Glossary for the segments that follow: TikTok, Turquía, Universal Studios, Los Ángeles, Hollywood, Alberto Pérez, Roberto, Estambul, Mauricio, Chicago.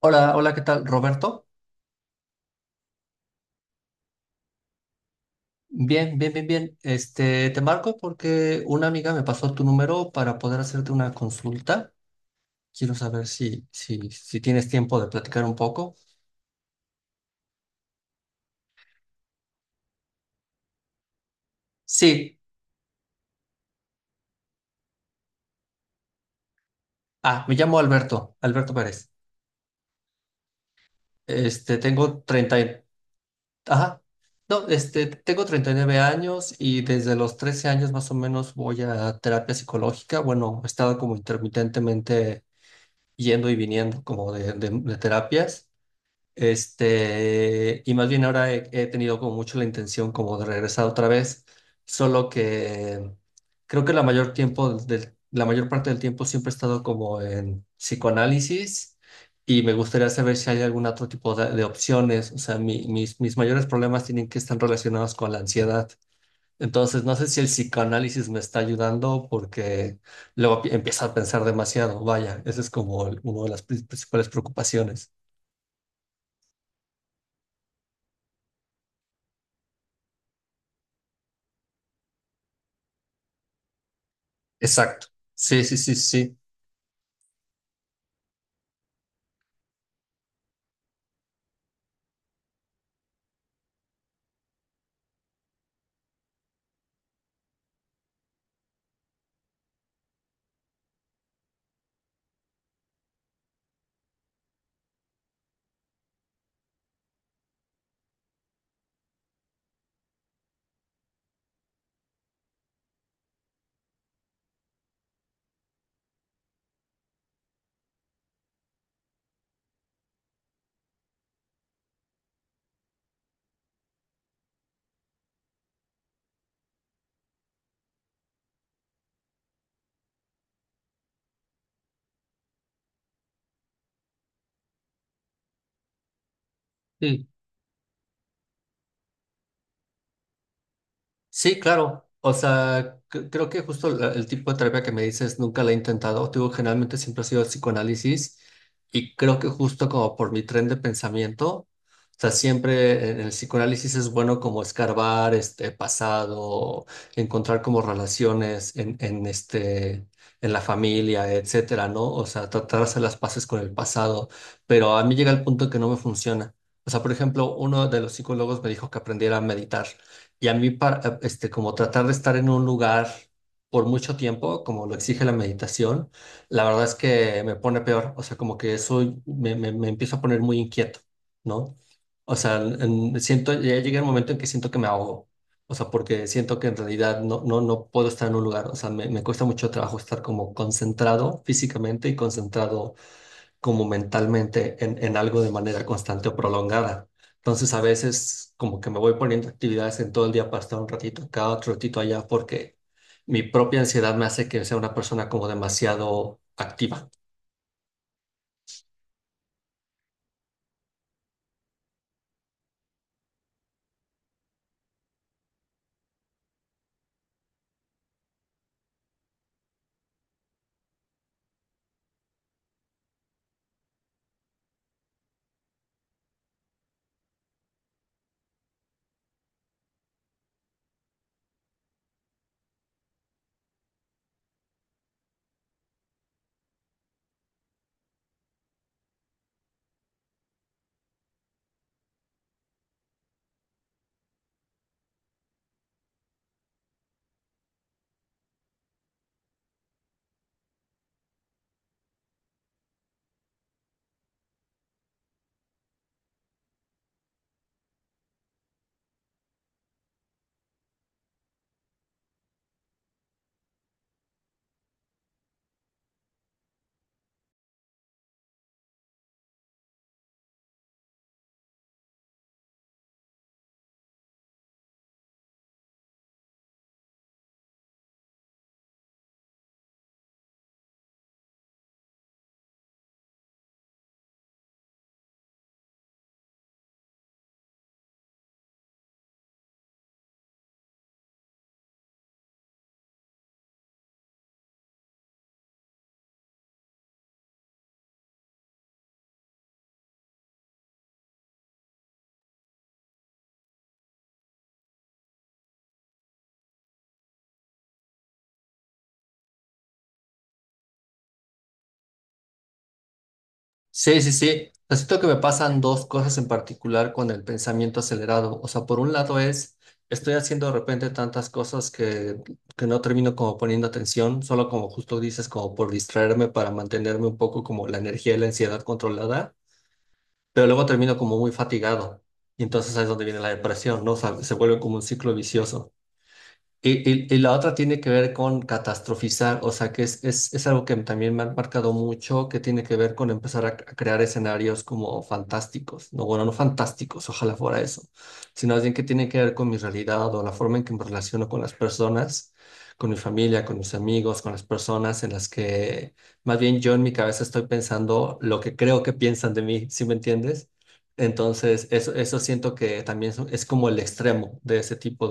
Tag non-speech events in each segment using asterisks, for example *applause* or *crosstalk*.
Hola, hola, ¿qué tal, Roberto? Bien, bien, bien, bien. Te marco porque una amiga me pasó tu número para poder hacerte una consulta. Quiero saber si tienes tiempo de platicar un poco. Sí. Ah, me llamo Alberto, Alberto Pérez. Este, tengo 30 y- ajá. No, tengo 39 años y desde los 13 años más o menos voy a terapia psicológica. Bueno, he estado como intermitentemente yendo y viniendo como de terapias. Y más bien ahora he tenido como mucho la intención como de regresar otra vez, solo que creo que la mayor parte del tiempo siempre he estado como en psicoanálisis y me gustaría saber si hay algún otro tipo de opciones. O sea, mis mayores problemas tienen que estar relacionados con la ansiedad. Entonces, no sé si el psicoanálisis me está ayudando porque empiezo a pensar demasiado. Vaya, esa es como una de las principales preocupaciones. Exacto. Sí, sí, sí, sí. Sí. Sí, claro. O sea, creo que justo el tipo de terapia que me dices nunca la he intentado. Te digo, generalmente siempre ha sido el psicoanálisis y creo que justo como por mi tren de pensamiento, o sea, siempre en el psicoanálisis es bueno como escarbar este pasado, encontrar como relaciones en en la familia, etcétera, ¿no? O sea, tratar de hacer las paces con el pasado, pero a mí llega el punto que no me funciona. O sea, por ejemplo, uno de los psicólogos me dijo que aprendiera a meditar. Y a mí, para, como tratar de estar en un lugar por mucho tiempo, como lo exige la meditación, la verdad es que me pone peor. O sea, como que me empiezo a poner muy inquieto, ¿no? O sea, siento, ya llega el momento en que siento que me ahogo. O sea, porque siento que en realidad no puedo estar en un lugar. O sea, me cuesta mucho trabajo estar como concentrado físicamente y concentrado como mentalmente en algo de manera constante o prolongada. Entonces a veces como que me voy poniendo actividades en todo el día para estar un ratito acá, otro ratito allá, porque mi propia ansiedad me hace que sea una persona como demasiado activa. Sí, sí, sí. O sea, siento que me pasan dos cosas en particular con el pensamiento acelerado. O sea, por un lado es, estoy haciendo de repente tantas cosas que no termino como poniendo atención, solo como justo dices, como por distraerme para mantenerme un poco como la energía y la ansiedad controlada, pero luego termino como muy fatigado. Y entonces ahí es donde viene la depresión, ¿no? O sea, se vuelve como un ciclo vicioso. Y la otra tiene que ver con catastrofizar, o sea, que es algo que también me ha marcado mucho, que tiene que ver con empezar a crear escenarios como fantásticos, no, bueno, no fantásticos, ojalá fuera eso, sino más bien que tiene que ver con mi realidad o la forma en que me relaciono con las personas, con mi familia, con mis amigos, con las personas en las que más bien yo en mi cabeza estoy pensando lo que creo que piensan de mí, ¿sí me entiendes? Entonces, eso siento que también es como el extremo de ese tipo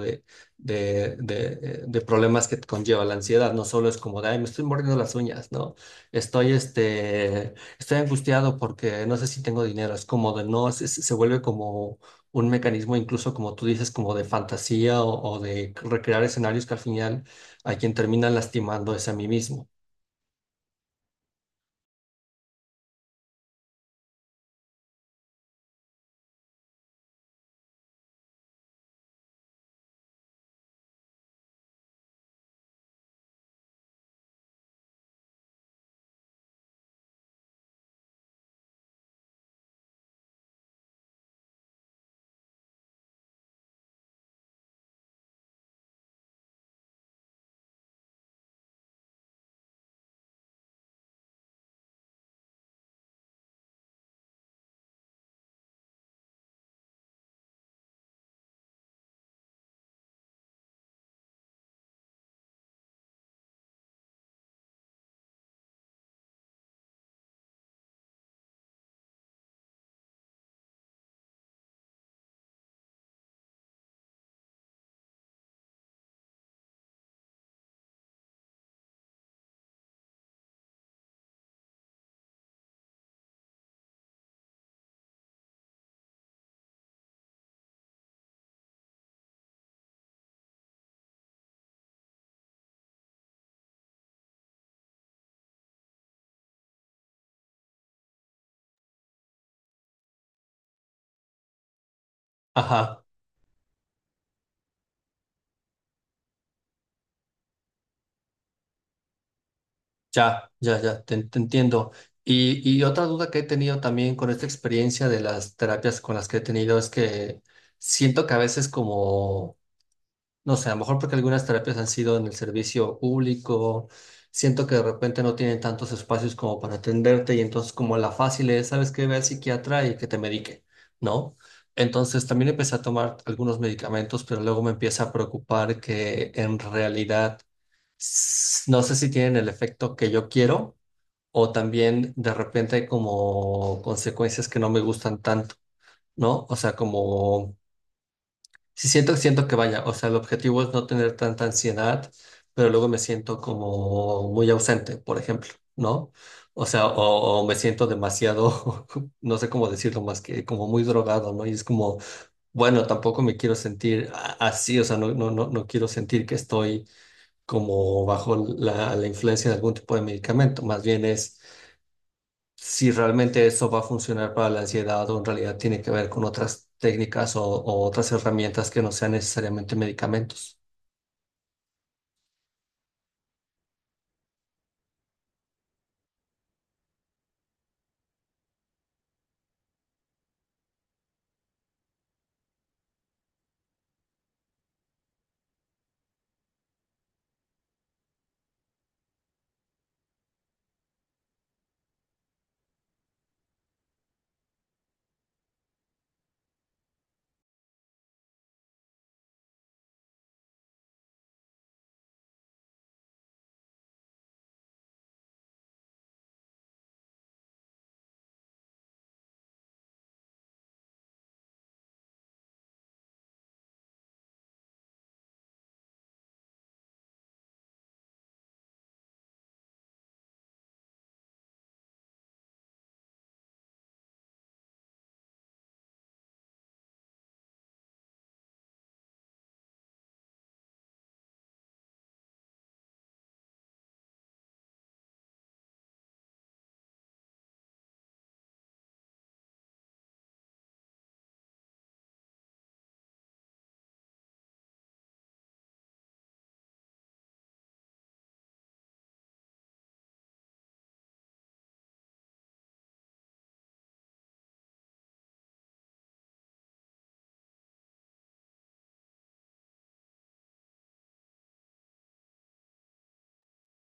de problemas que conlleva la ansiedad. No solo es como de, ay, me estoy mordiendo las uñas, ¿no? Estoy, este, Estoy angustiado porque no sé si tengo dinero. Es como de, no, se vuelve como un mecanismo, incluso como tú dices, como de fantasía o de recrear escenarios que al final a quien termina lastimando es a mí mismo. Ajá, te entiendo. Y otra duda que he tenido también con esta experiencia de las terapias con las que he tenido es que siento que a veces como no sé, a lo mejor porque algunas terapias han sido en el servicio público, siento que de repente no tienen tantos espacios como para atenderte y entonces como la fácil es, sabes que ve al psiquiatra y que te medique, ¿no? Entonces también empecé a tomar algunos medicamentos, pero luego me empieza a preocupar que en realidad no sé si tienen el efecto que yo quiero o también de repente hay como consecuencias que no me gustan tanto, ¿no? O sea, como... Sí, siento que vaya, o sea, el objetivo es no tener tanta ansiedad, pero luego me siento como muy ausente, por ejemplo, ¿no? O sea, o me siento demasiado, *laughs* no sé cómo decirlo más que como muy drogado, ¿no? Y es como, bueno, tampoco me quiero sentir así, o sea, no quiero sentir que estoy como bajo la influencia de algún tipo de medicamento, más bien es si realmente eso va a funcionar para la ansiedad o en realidad tiene que ver con otras técnicas o otras herramientas que no sean necesariamente medicamentos.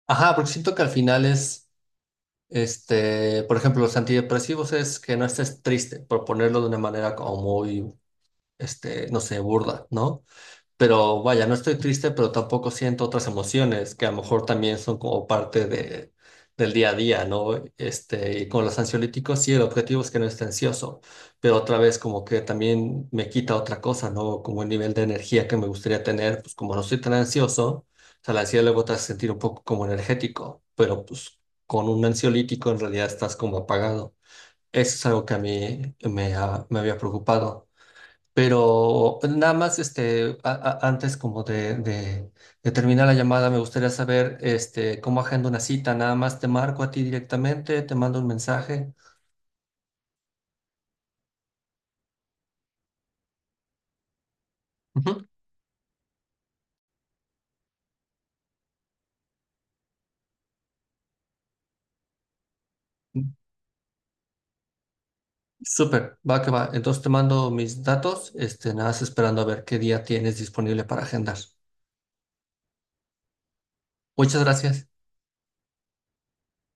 Ajá, porque siento que al final es, por ejemplo, los antidepresivos es que no estés triste, por ponerlo de una manera como muy, no sé, burda, ¿no? Pero vaya, no estoy triste, pero tampoco siento otras emociones que a lo mejor también son como parte de, del día a día, ¿no? Y con los ansiolíticos, sí, el objetivo es que no esté ansioso, pero otra vez como que también me quita otra cosa, ¿no? Como el nivel de energía que me gustaría tener, pues como no estoy tan ansioso, o sea, la ansiedad luego te hace sentir un poco como energético, pero pues con un ansiolítico en realidad estás como apagado. Eso es algo que a mí me, ha- me había preocupado. Pero nada más, antes como de terminar la llamada, me gustaría saber, cómo agendo una cita. Nada más te marco a ti directamente, te mando un mensaje. Ujú. Súper, va que va. Entonces te mando mis datos, nada más esperando a ver qué día tienes disponible para agendar. Muchas gracias.